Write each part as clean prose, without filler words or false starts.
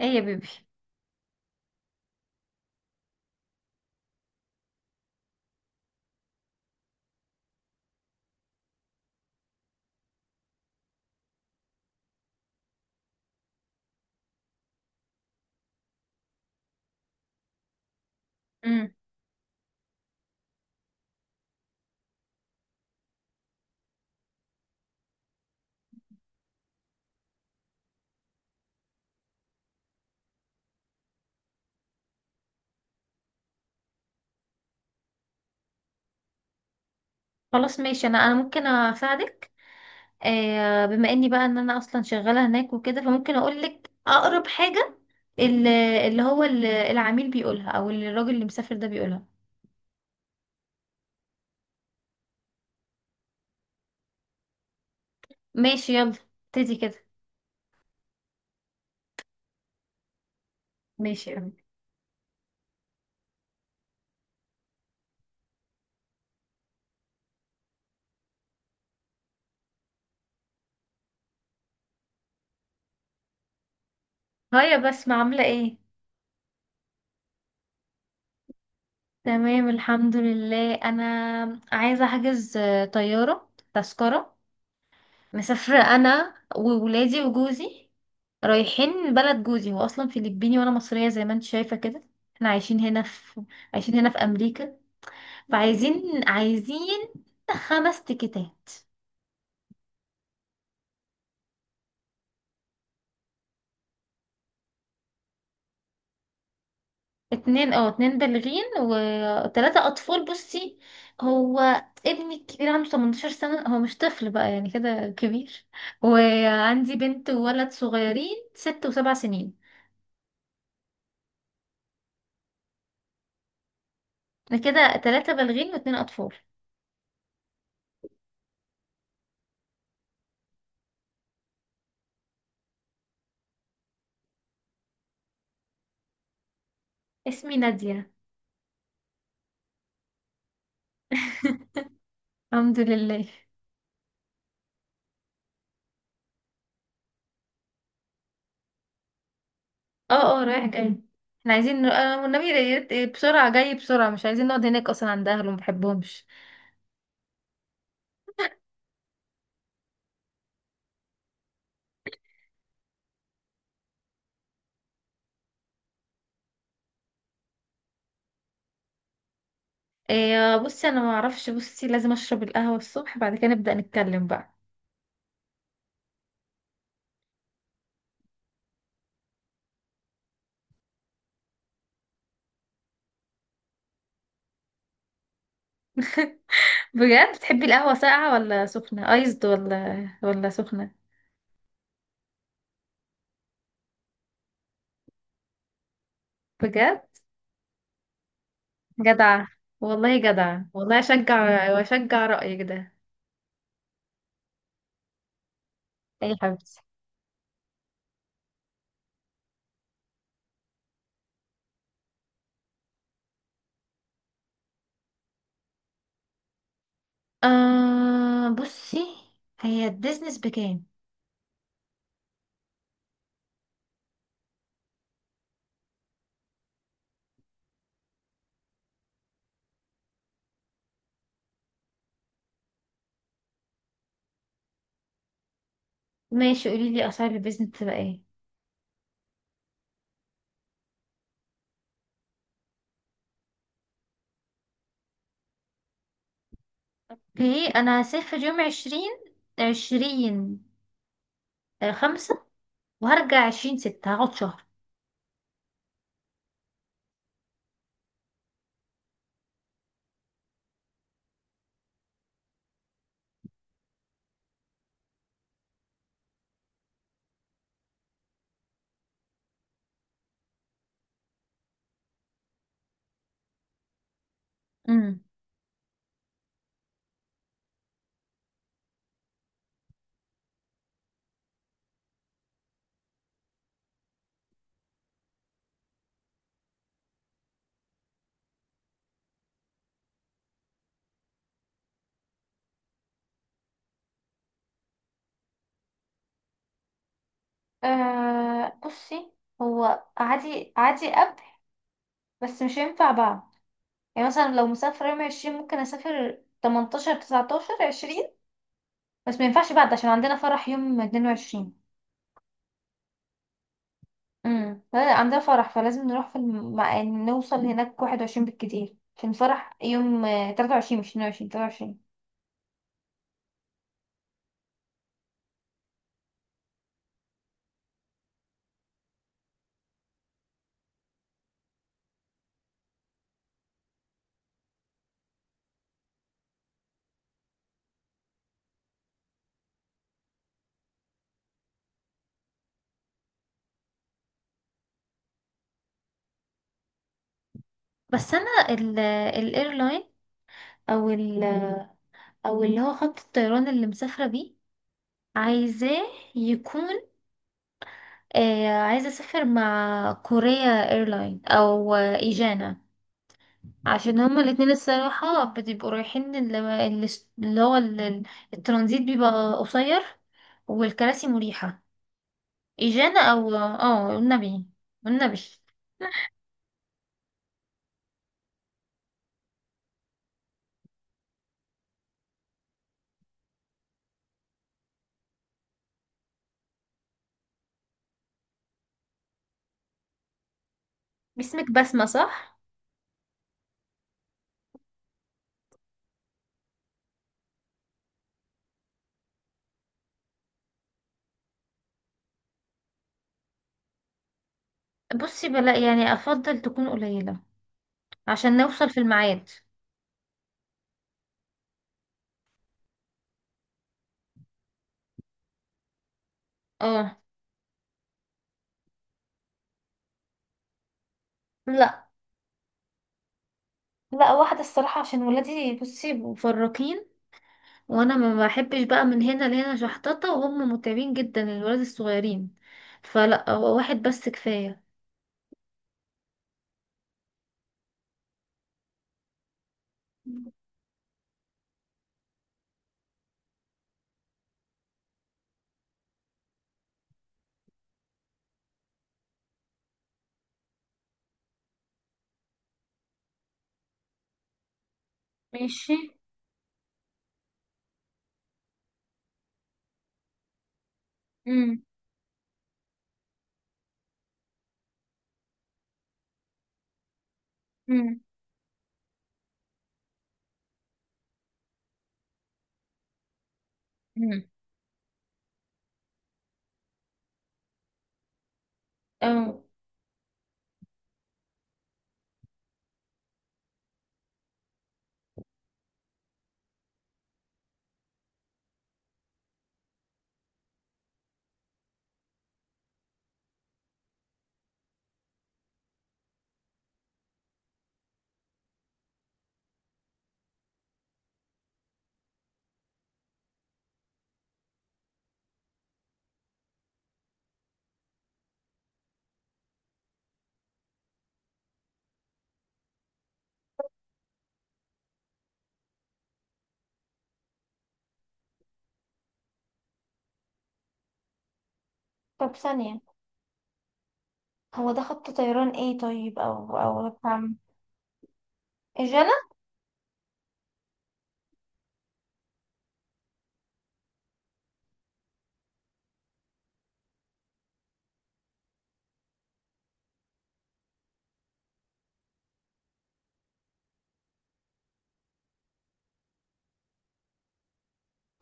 ايه يا بيبي؟ امم. خلاص ماشي، انا ممكن اساعدك. بما اني بقى ان انا اصلا شغاله هناك وكده، فممكن اقول لك اقرب حاجه. ال- اللي هو العميل بيقولها، او الراجل اللي مسافر ده بيقولها. ماشي، يلا ابتدي كده. ماشي يا أمي. هيا بسمة، عامله ايه؟ تمام الحمد لله. انا عايزه احجز طياره، تذكره. مسافرة أنا وولادي وجوزي، رايحين بلد جوزي. هو أصلا فلبيني وأنا مصرية زي ما انت شايفة كده. احنا عايشين هنا في أمريكا. فعايزين عايزين خمس تيكتات. اتنين بالغين وتلاتة أطفال. بصي، هو ابني الكبير عنده 18 سنة، هو مش طفل بقى، يعني كده كبير. وعندي بنت وولد صغيرين، 6 و7 سنين. احنا كده تلاتة بالغين واتنين أطفال. اسمي نادية. الحمد لله. اه، اه، رايح جاي. احنا عايزين والنبي يا ريت، بسرعة جاي بسرعة. مش عايزين نقعد هناك اصلا عند اهله، ما بحبهمش. إيه بصي، انا ما اعرفش. بصي، لازم اشرب القهوه الصبح، بعد كده نبدا نتكلم بقى. بجد؟ بتحبي القهوه ساقعه ولا سخنه ايزد ولا سخنه؟ بجد؟ جدعه والله، جدعه والله، اشجع واشجع رايك ده. ايه يا حبيبتي؟ بصي، هي البيزنس بكام؟ ماشي، قولي لي اسعار البيزنس تبقى ايه. اوكي، انا هسافر يوم عشرين، عشرين خمسة. وهرجع عشرين ستة، هقعد شهر. امم. بصي، هو عادي عادي قبل، بس مش هينفع بعد. يعني مثلا لو مسافرة يوم عشرين، ممكن أسافر تمنتاشر، تسعتاشر، عشرين. بس ما ينفعش بعد عشان عندنا فرح يوم 22. امم، لا، عندنا فرح، فلازم نروح في نوصل هناك 21 بالكتير. عشان الفرح يوم 23، مش 22، 23. بس انا، او ال او اللي هو خط الطيران اللي مسافره بيه، عايزاه يكون. عايزه اسافر مع كوريا ايرلاين او ايجانا، عشان هما الاتنين الصراحه بتبقوا رايحين، اللي هو الترانزيت بيبقى قصير، والكراسي مريحه. ايجانا او والنبي، والنبي. باسمك بسمه صح؟ بصي بلا، يعني افضل تكون قليله عشان نوصل في الميعاد. اه، لا، لا، واحدة الصراحة عشان ولادي بصي مفرقين، وانا ما بحبش بقى من هنا لهنا شحططة، وهم متعبين جدا الولاد الصغيرين. فلا، هو واحد بس كفاية. ماشي. امم، امم، امم. اه، طب ثانية. هو ده خط طيران ايه؟ طيب او او بتاع-. اجانا.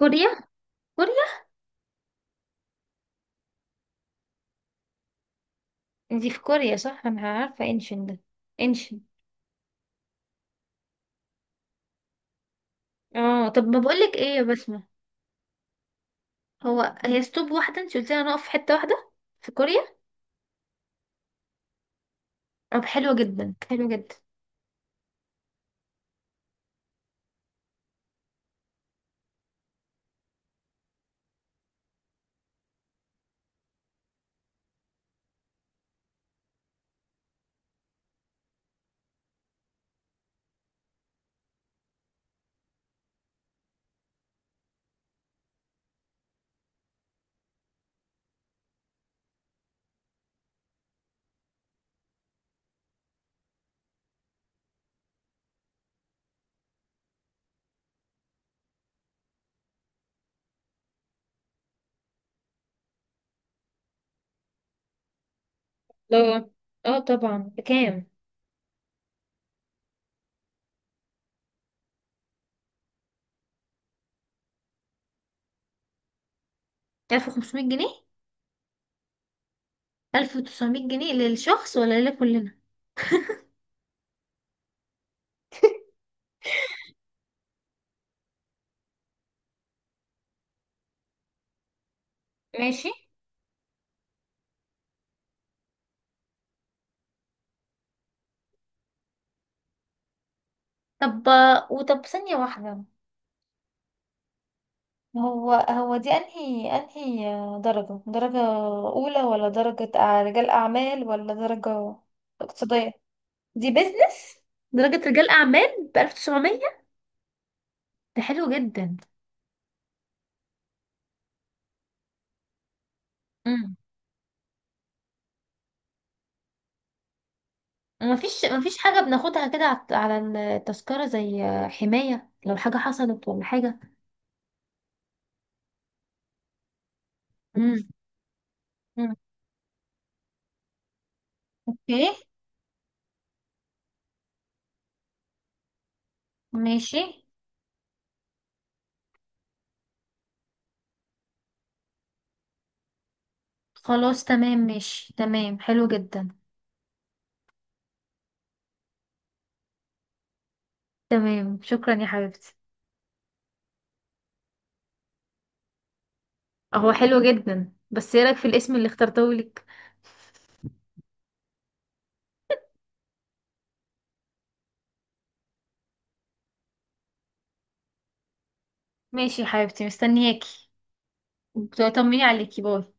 كوريا، كوريا. دي في كوريا صح؟ انا عارفة انشن ده. انشن. اه، طب ما بقولك ايه يا بسمة؟ هي ستوب واحدة؟ انت قلتي هنقف في حتة واحدة في كوريا. طب، حلوة جدا، حلوة جدا. لا. اه طبعا، بكام؟ 1500 جنيه؟ 1900 جنيه للشخص ولا لكلنا؟ ماشي. طب ثانية واحدة. هو دي انهي درجة أولى، ولا درجة رجال أعمال، ولا درجة اقتصادية؟ دي بيزنس. درجة رجال أعمال ب1900. ده حلو جدا. امم. ومفيش مفيش حاجة بناخدها كده على التذكرة، زي حماية لو حاجة حصلت ولا حاجة؟ امم. اوكي. ماشي. خلاص تمام، ماشي، تمام، حلو جدا. تمام، شكرا يا حبيبتي. هو حلو جدا، بس ايه رايك في الاسم اللي اخترته لك؟ ماشي يا حبيبتي، مستنياكي. طمني عليكي، باي.